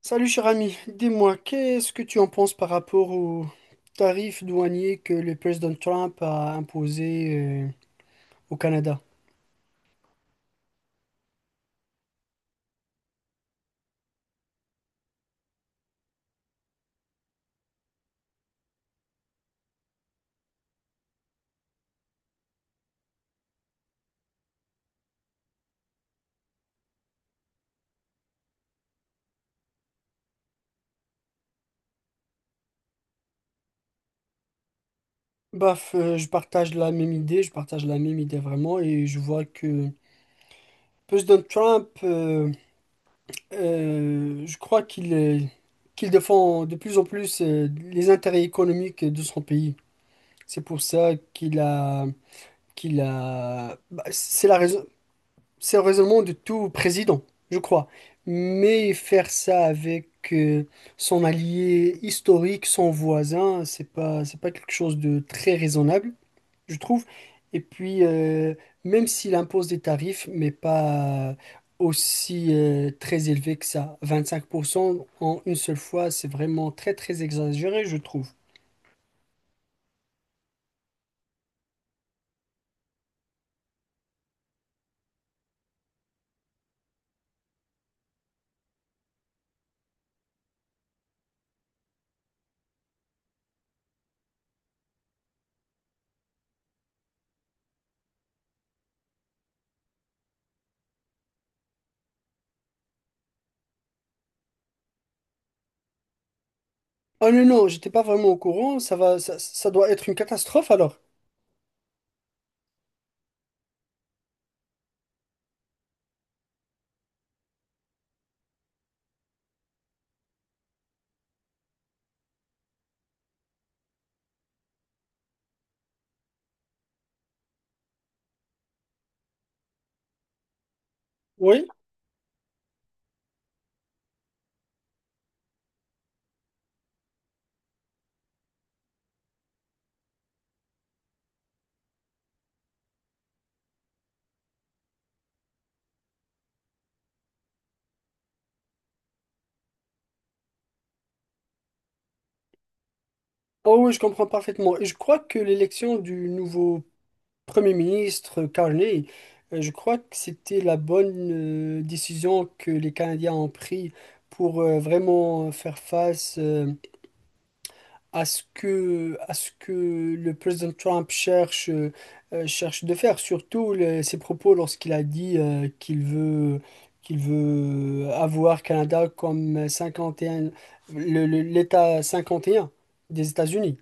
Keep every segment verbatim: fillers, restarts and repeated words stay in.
Salut cher ami, dis-moi, qu'est-ce que tu en penses par rapport aux tarifs douaniers que le président Trump a imposé euh, au Canada? Baf, euh, je partage la même idée, je partage la même idée vraiment, et je vois que président Trump, euh, euh, je crois qu'il euh, qu'il défend de plus en plus euh, les intérêts économiques de son pays. C'est pour ça qu'il a Qu'il a, bah, c'est la raison. C'est le raisonnement de tout président, je crois. Mais faire ça avec euh, son allié historique, son voisin, c'est pas, c'est pas quelque chose de très raisonnable, je trouve. Et puis, euh, même s'il impose des tarifs, mais pas aussi euh, très élevés que ça, vingt-cinq pour cent en une seule fois, c'est vraiment très très exagéré, je trouve. Ah non, non, j'étais pas vraiment au courant, ça va, ça, ça doit être une catastrophe alors. Oui. Oh oui, je comprends parfaitement. Et je crois que l'élection du nouveau Premier ministre Carney, euh, je crois que c'était la bonne euh, décision que les Canadiens ont prise pour euh, vraiment faire face euh, à ce que, à ce que le président Trump cherche, euh, euh, cherche de faire, surtout le- ses propos lorsqu'il a dit euh, qu'il veut, qu'il veut euh, avoir Canada comme cinquante et un, le- le- l'État cinquante et un des États-Unis.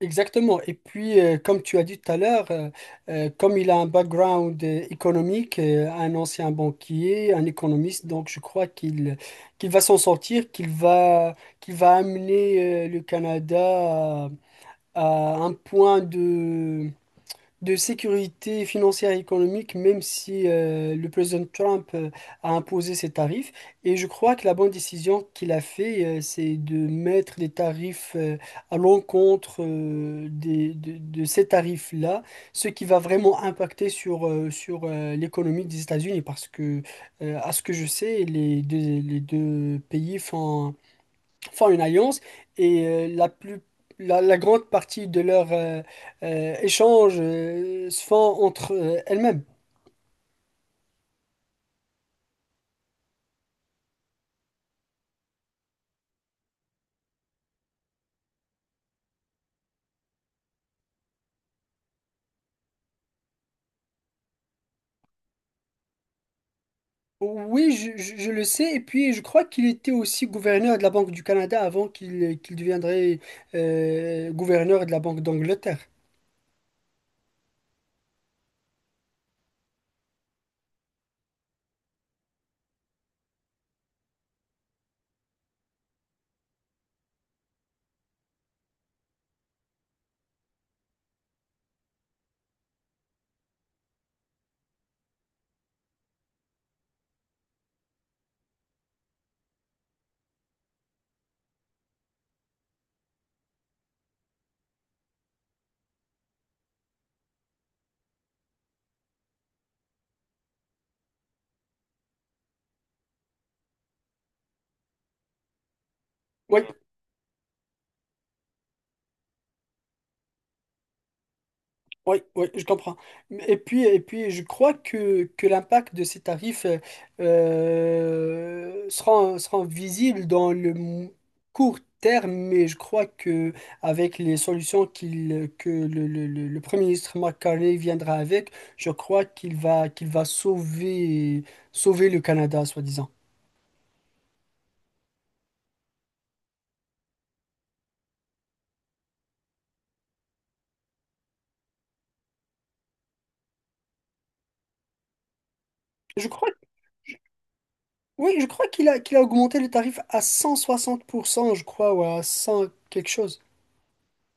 Exactement. Et puis, euh, comme tu as dit tout à l'heure, euh, euh, comme il a un background euh, économique, euh, un ancien banquier, un économiste, donc je crois qu'il qu'il va s'en sortir, qu'il va, qu'il va amener euh, le Canada à, à un point de, de sécurité financière et économique, même si euh, le président Trump euh, a imposé ces tarifs. Et je crois que la bonne décision qu'il a fait, euh, c'est de mettre des tarifs euh, à l'encontre euh, des- de, de ces tarifs-là, ce qui va vraiment impacter sur, euh, sur euh, l'économie des États-Unis, parce que, euh, à ce que je sais, les deux, les deux pays font font une alliance et euh, la plus la, la grande partie de leurs euh, euh, échanges euh, se font entre euh, elles-mêmes. Oui, je, je- je le sais. Et puis, je crois qu'il était aussi gouverneur de la Banque du Canada avant qu'il euh, qu'il deviendrait euh, gouverneur de la Banque d'Angleterre. Oui, Oui, oui, je comprends. Et puis, et puis je crois que, que l'impact de ces tarifs euh, sera, sera visible dans le m- court terme, mais je crois que avec les solutions qu'il, que le, le- le- le Premier ministre McCartney viendra avec, je crois qu'il va, qu'il va sauver, sauver le Canada, soi-disant. Je crois, oui, je crois qu'il a, qu'il a augmenté le tarif à cent soixante pour cent, je crois, ou à cent quelque chose,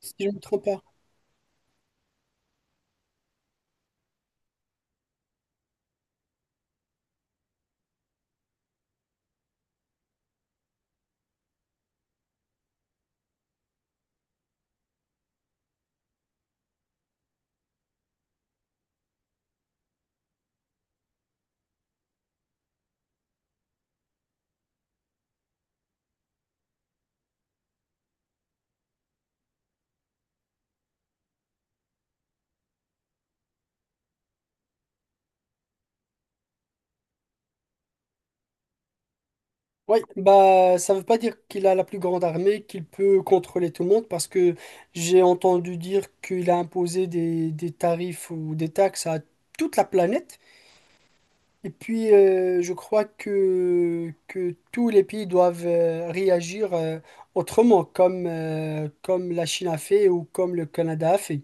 si je ne me trompe pas. Oui, bah ça veut pas dire qu'il a la plus grande armée, qu'il peut contrôler tout le monde, parce que j'ai entendu dire qu'il a imposé des, des tarifs ou des taxes à toute la planète. Et puis euh, je crois que, que tous les pays doivent euh, réagir euh, autrement, comme, euh, comme la Chine a fait ou comme le Canada a fait.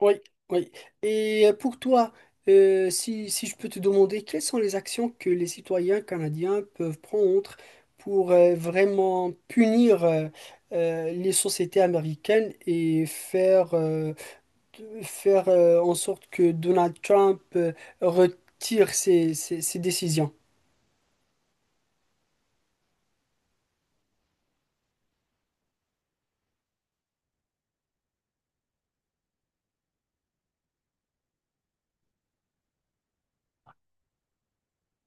Oui, oui. Et euh, pour toi, euh, si, si je peux te demander, quelles sont les actions que les citoyens canadiens peuvent prendre pour euh, vraiment punir euh, euh, les sociétés américaines et faire, euh, de- faire euh, en sorte que Donald Trump euh, retire ses, ses ses décisions?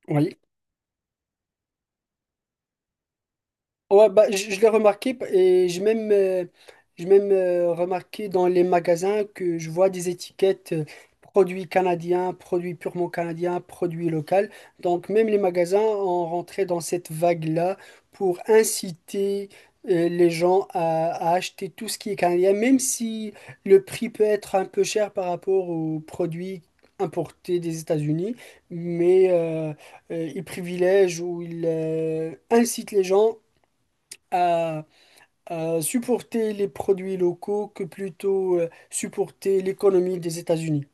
Oui. Ouais, bah, je, je l'ai remarqué et j'ai même, euh, j'ai même euh, remarqué dans les magasins que je vois des étiquettes euh, produits canadiens, produits purement canadiens, produits locaux. Donc même les magasins ont rentré dans cette vague-là pour inciter euh, les gens à, à acheter tout ce qui est canadien, même si le prix peut être un peu cher par rapport aux produits importés des États-Unis, mais euh, euh, ils privilègent ou ils euh, incitent les gens à, à supporter les produits locaux que plutôt euh, supporter l'économie des États-Unis.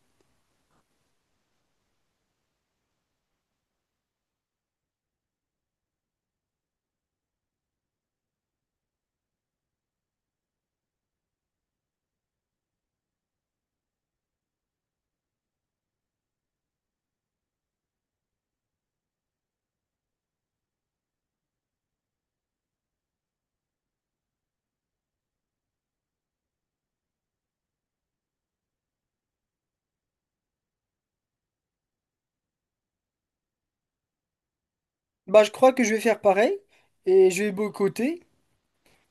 Bah, je crois que je vais faire pareil et je vais boycotter.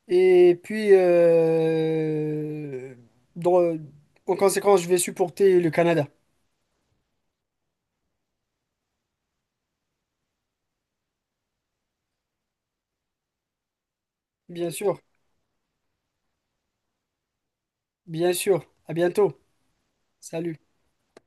Et puis, euh, dans- en conséquence, je vais supporter le Canada. Bien sûr, bien sûr. À bientôt. Salut.